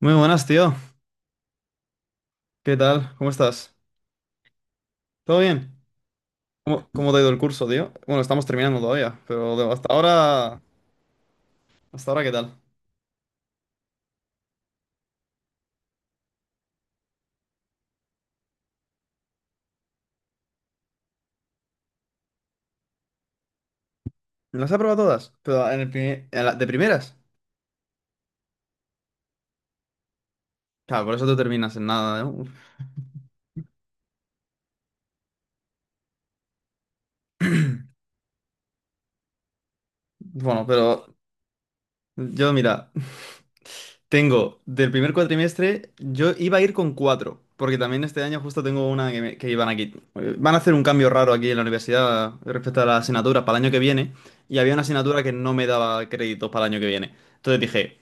Muy buenas, tío. ¿Qué tal? ¿Cómo estás? ¿Todo bien? ¿Cómo te ha ido el curso, tío? Bueno, estamos terminando todavía, pero hasta ahora, ¿qué tal? ¿Las has aprobado todas? Pero en el primer- en la- de primeras. Claro, por eso tú terminas en nada, ¿no? Bueno, pero yo, mira, tengo del primer cuatrimestre, yo iba a ir con cuatro, porque también este año justo tengo una que iban aquí. Van a hacer un cambio raro aquí en la universidad, respecto a las asignaturas para el año que viene, y había una asignatura que no me daba créditos para el año que viene. Entonces dije,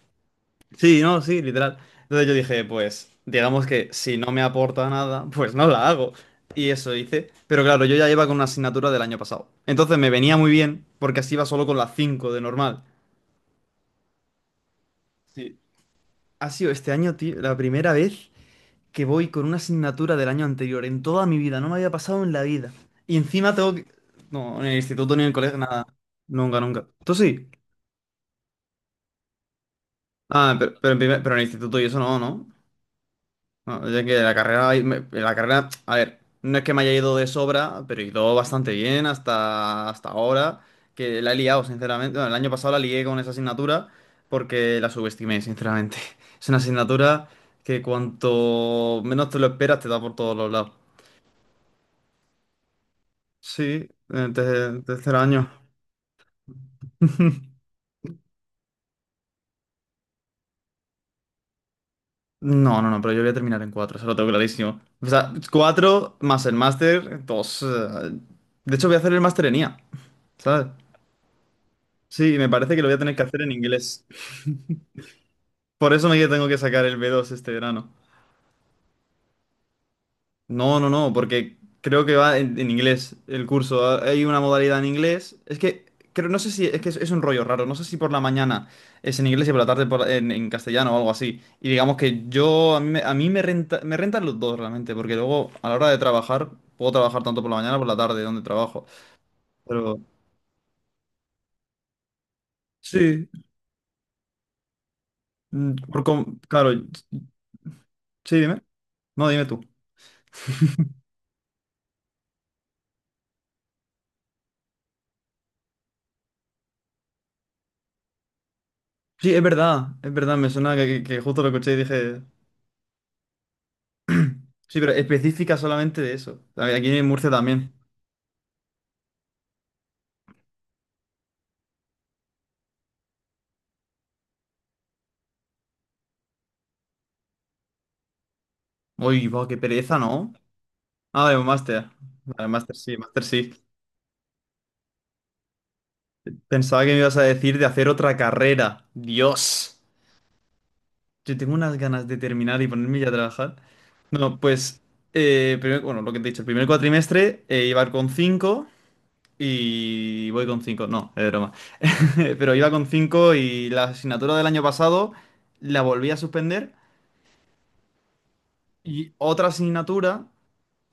sí, no, sí, literal. Entonces yo dije, pues, digamos que si no me aporta nada, pues no la hago. Y eso hice. Pero claro, yo ya iba con una asignatura del año pasado. Entonces me venía muy bien, porque así iba solo con las 5 de normal. Sí. Ha sido este año, tío, la primera vez que voy con una asignatura del año anterior. En toda mi vida, no me había pasado en la vida. Y encima tengo que... No, en el instituto ni en el colegio, nada. Nunca, nunca. ¿Tú sí? Ah, pero en el instituto y eso no, ¿no? No, es que la carrera, a ver, no es que me haya ido de sobra, pero he ido bastante bien hasta ahora, que la he liado, sinceramente. Bueno, el año pasado la lié con esa asignatura porque la subestimé, sinceramente. Es una asignatura que cuanto menos te lo esperas te da por todos los lados. Sí, en tercer año. No, no, no, pero yo voy a terminar en cuatro, eso lo tengo clarísimo. O sea, cuatro más el máster, dos. De hecho, voy a hacer el máster en IA, ¿sabes? Sí, me parece que lo voy a tener que hacer en inglés. Por eso me que tengo que sacar el B2 este verano. No, no, no, porque creo que va en inglés el curso. Ah, hay una modalidad en inglés. Es que creo, no sé si es un rollo raro. No sé si por la mañana es en inglés y por la tarde en castellano o algo así. Y digamos que yo a mí me renta, me rentan los dos realmente, porque luego a la hora de trabajar puedo trabajar tanto por la mañana como por la tarde donde trabajo. Pero sí, claro, sí, dime. No, dime tú. Sí, es verdad, me suena que justo lo escuché y dije, sí, pero específica solamente de eso. A ver, aquí en Murcia también. Uy, va, qué pereza, ¿no? Ah, de un máster. Vale, máster sí, máster sí. Pensaba que me ibas a decir de hacer otra carrera. Dios. Yo tengo unas ganas de terminar y ponerme ya a trabajar. No, pues, bueno, lo que te he dicho, el primer cuatrimestre, iba con 5 y voy con 5. No, es broma. Pero iba con cinco y la asignatura del año pasado la volví a suspender. Y otra asignatura,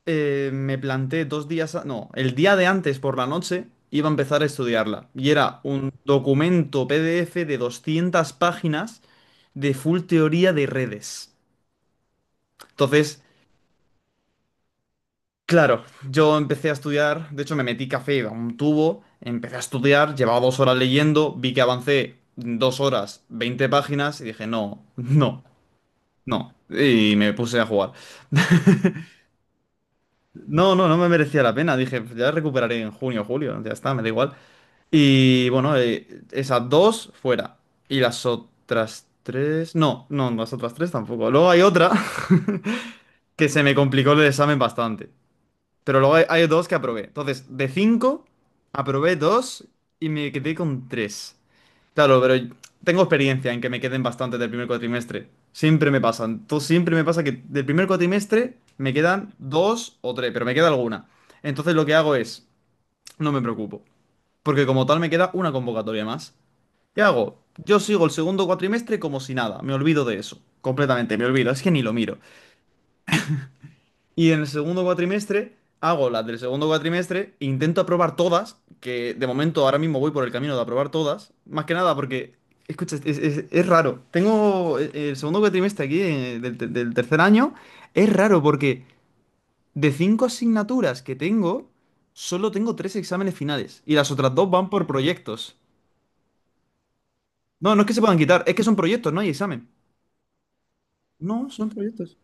eh, me planté dos días, no, el día de antes por la noche iba a empezar a estudiarla. Y era un documento PDF de 200 páginas de full teoría de redes. Entonces, claro, yo empecé a estudiar, de hecho me metí café a un tubo, empecé a estudiar, llevaba 2 horas leyendo, vi que avancé 2 horas, 20 páginas y dije, no, no, no. Y me puse a jugar. No, no, no me merecía la pena. Dije, ya recuperaré en junio o julio, ya está, me da igual. Y bueno, esas dos fuera. Y las otras tres. No, no, las otras tres tampoco. Luego hay otra que se me complicó el examen bastante. Pero luego hay dos que aprobé. Entonces, de cinco, aprobé dos y me quedé con tres. Claro, pero tengo experiencia en que me queden bastantes del primer cuatrimestre. Siempre me pasan. Siempre me pasa que del primer cuatrimestre me quedan dos o tres, pero me queda alguna. Entonces lo que hago es, no me preocupo, porque como tal me queda una convocatoria más. ¿Qué hago? Yo sigo el segundo cuatrimestre como si nada, me olvido de eso, completamente, me olvido, es que ni lo miro. Y en el segundo cuatrimestre hago las del segundo cuatrimestre, e intento aprobar todas, que de momento ahora mismo voy por el camino de aprobar todas, más que nada porque, escucha, es raro. Tengo el segundo cuatrimestre aquí, del tercer año, es raro porque de cinco asignaturas que tengo, solo tengo tres exámenes finales y las otras dos van por proyectos. No, no es que se puedan quitar, es que son proyectos, no hay examen. No, son proyectos.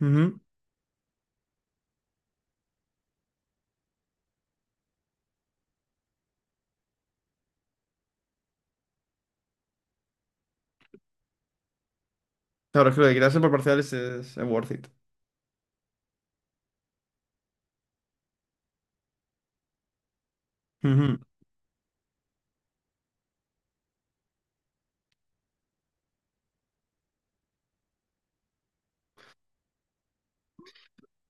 Ujú. Claro, es que lo de quitarse por parciales es worth it. Ujú.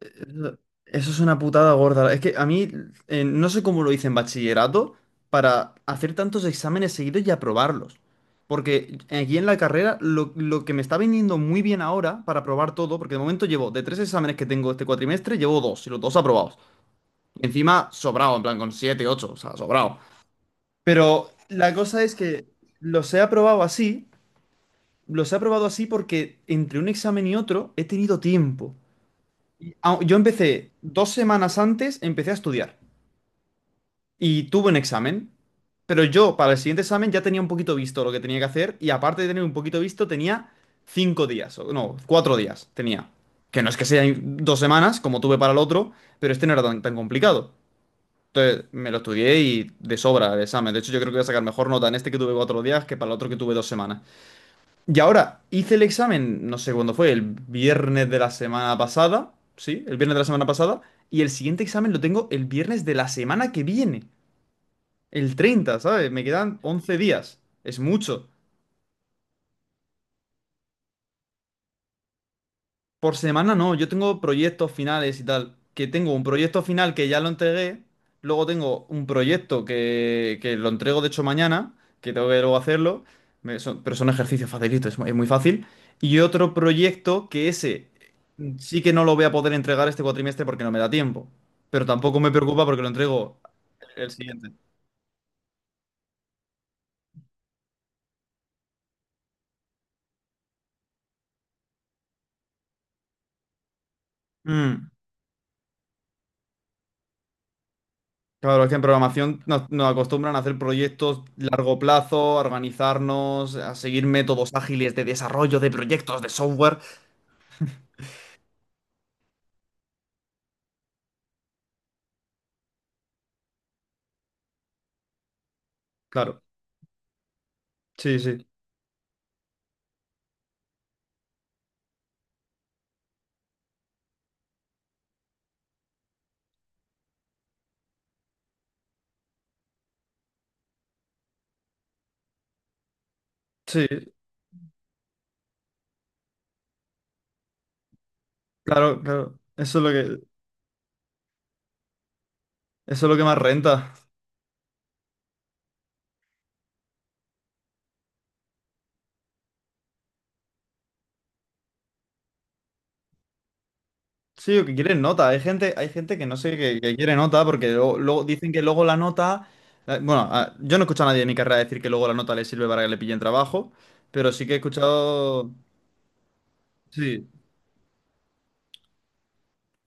Eso Eso es una putada gorda. Es que a mí, no sé cómo lo hice en bachillerato para hacer tantos exámenes seguidos y aprobarlos. Porque aquí en la carrera lo que me está viniendo muy bien ahora para aprobar todo, porque de momento llevo de tres exámenes que tengo este cuatrimestre, llevo dos y los dos aprobados. Y encima sobrado, en plan con siete, ocho, o sea, sobrado. Pero la cosa es que los he aprobado así, los he aprobado así porque entre un examen y otro he tenido tiempo. Y, yo empecé dos semanas antes, empecé a estudiar y tuve un examen, pero yo para el siguiente examen ya tenía un poquito visto lo que tenía que hacer y aparte de tener un poquito visto tenía 5 días, o no, 4 días tenía. Que no es que sean 2 semanas como tuve para el otro, pero este no era tan, tan complicado. Entonces me lo estudié y de sobra el examen. De hecho yo creo que voy a sacar mejor nota en este que tuve 4 días que para el otro que tuve 2 semanas. Y ahora, hice el examen, no sé cuándo fue, el viernes de la semana pasada, sí, el viernes de la semana pasada, y el siguiente examen lo tengo el viernes de la semana que viene, el 30, ¿sabes? Me quedan 11 días, es mucho. Por semana no, yo tengo proyectos finales y tal. Que tengo un proyecto final que ya lo entregué. Luego tengo un proyecto que lo entrego, de hecho, mañana, que tengo que luego hacerlo. Pero son ejercicios facilitos, es muy fácil. Y otro proyecto que ese sí que no lo voy a poder entregar este cuatrimestre porque no me da tiempo. Pero tampoco me preocupa porque lo entrego el siguiente. Mm. Claro, es que en programación nos acostumbran a hacer proyectos largo plazo, a organizarnos, a seguir métodos ágiles de desarrollo de proyectos de software. Claro, sí, sí, sí, claro, claro. Eso es lo que más renta. Sí, o que quieren nota. Hay gente que no sé que quiere nota porque luego dicen que luego la nota. Bueno, yo no he escuchado a nadie de mi carrera decir que luego la nota le sirve para que le pillen trabajo, pero sí que he escuchado. Sí.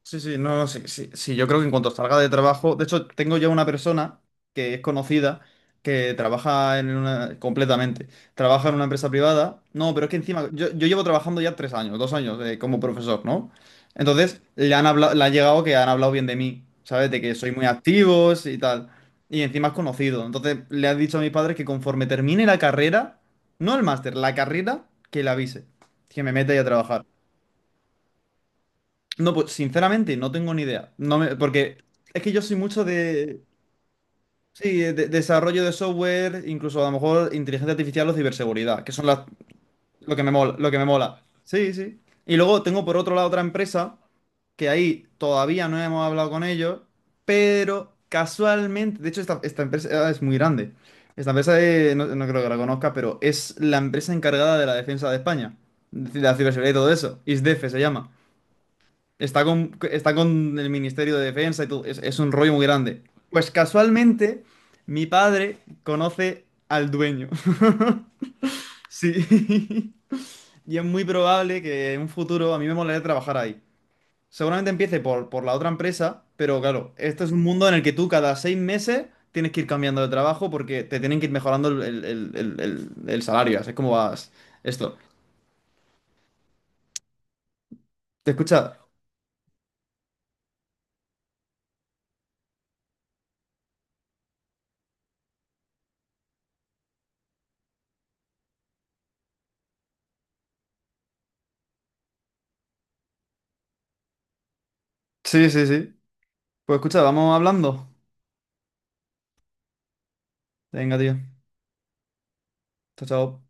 Sí, sí, no, no, sí, sí, sí, yo creo que en cuanto salga de trabajo, de hecho, tengo ya una persona que es conocida que trabaja en una, completamente, trabaja en una empresa privada, no, pero es que encima, yo llevo trabajando ya 3 años, dos años, como profesor, ¿no? Entonces, le han hablado, le ha llegado que han hablado bien de mí, ¿sabes? De que soy muy activo sí, y tal, y encima es conocido, entonces le ha dicho a mis padres que conforme termine la carrera, no el máster, la carrera, que le avise, que me meta ahí a trabajar. No, pues sinceramente no tengo ni idea. No me, porque es que yo soy mucho de, sí, de desarrollo de software, incluso a lo mejor inteligencia artificial o ciberseguridad, que son las, lo que me mola, lo que me mola. Sí, sí. Y luego tengo por otro lado otra empresa que ahí todavía no hemos hablado con ellos, pero casualmente, de hecho esta empresa, es muy grande. Esta empresa, no, no creo que la conozca, pero es la empresa encargada de la defensa de España, de la ciberseguridad y todo eso. ISDEFE se llama. Está con el Ministerio de Defensa y todo. Es un rollo muy grande. Pues casualmente, mi padre conoce al dueño. Sí. Y es muy probable que en un futuro a mí me molaría trabajar ahí. Seguramente empiece por la otra empresa, pero claro, esto es un mundo en el que tú cada 6 meses tienes que ir cambiando de trabajo porque te tienen que ir mejorando el salario. Así es como vas esto. ¿Te escucha? Sí, sí, sí. Pues escucha, vamos hablando. Venga, tío. Chao, chao.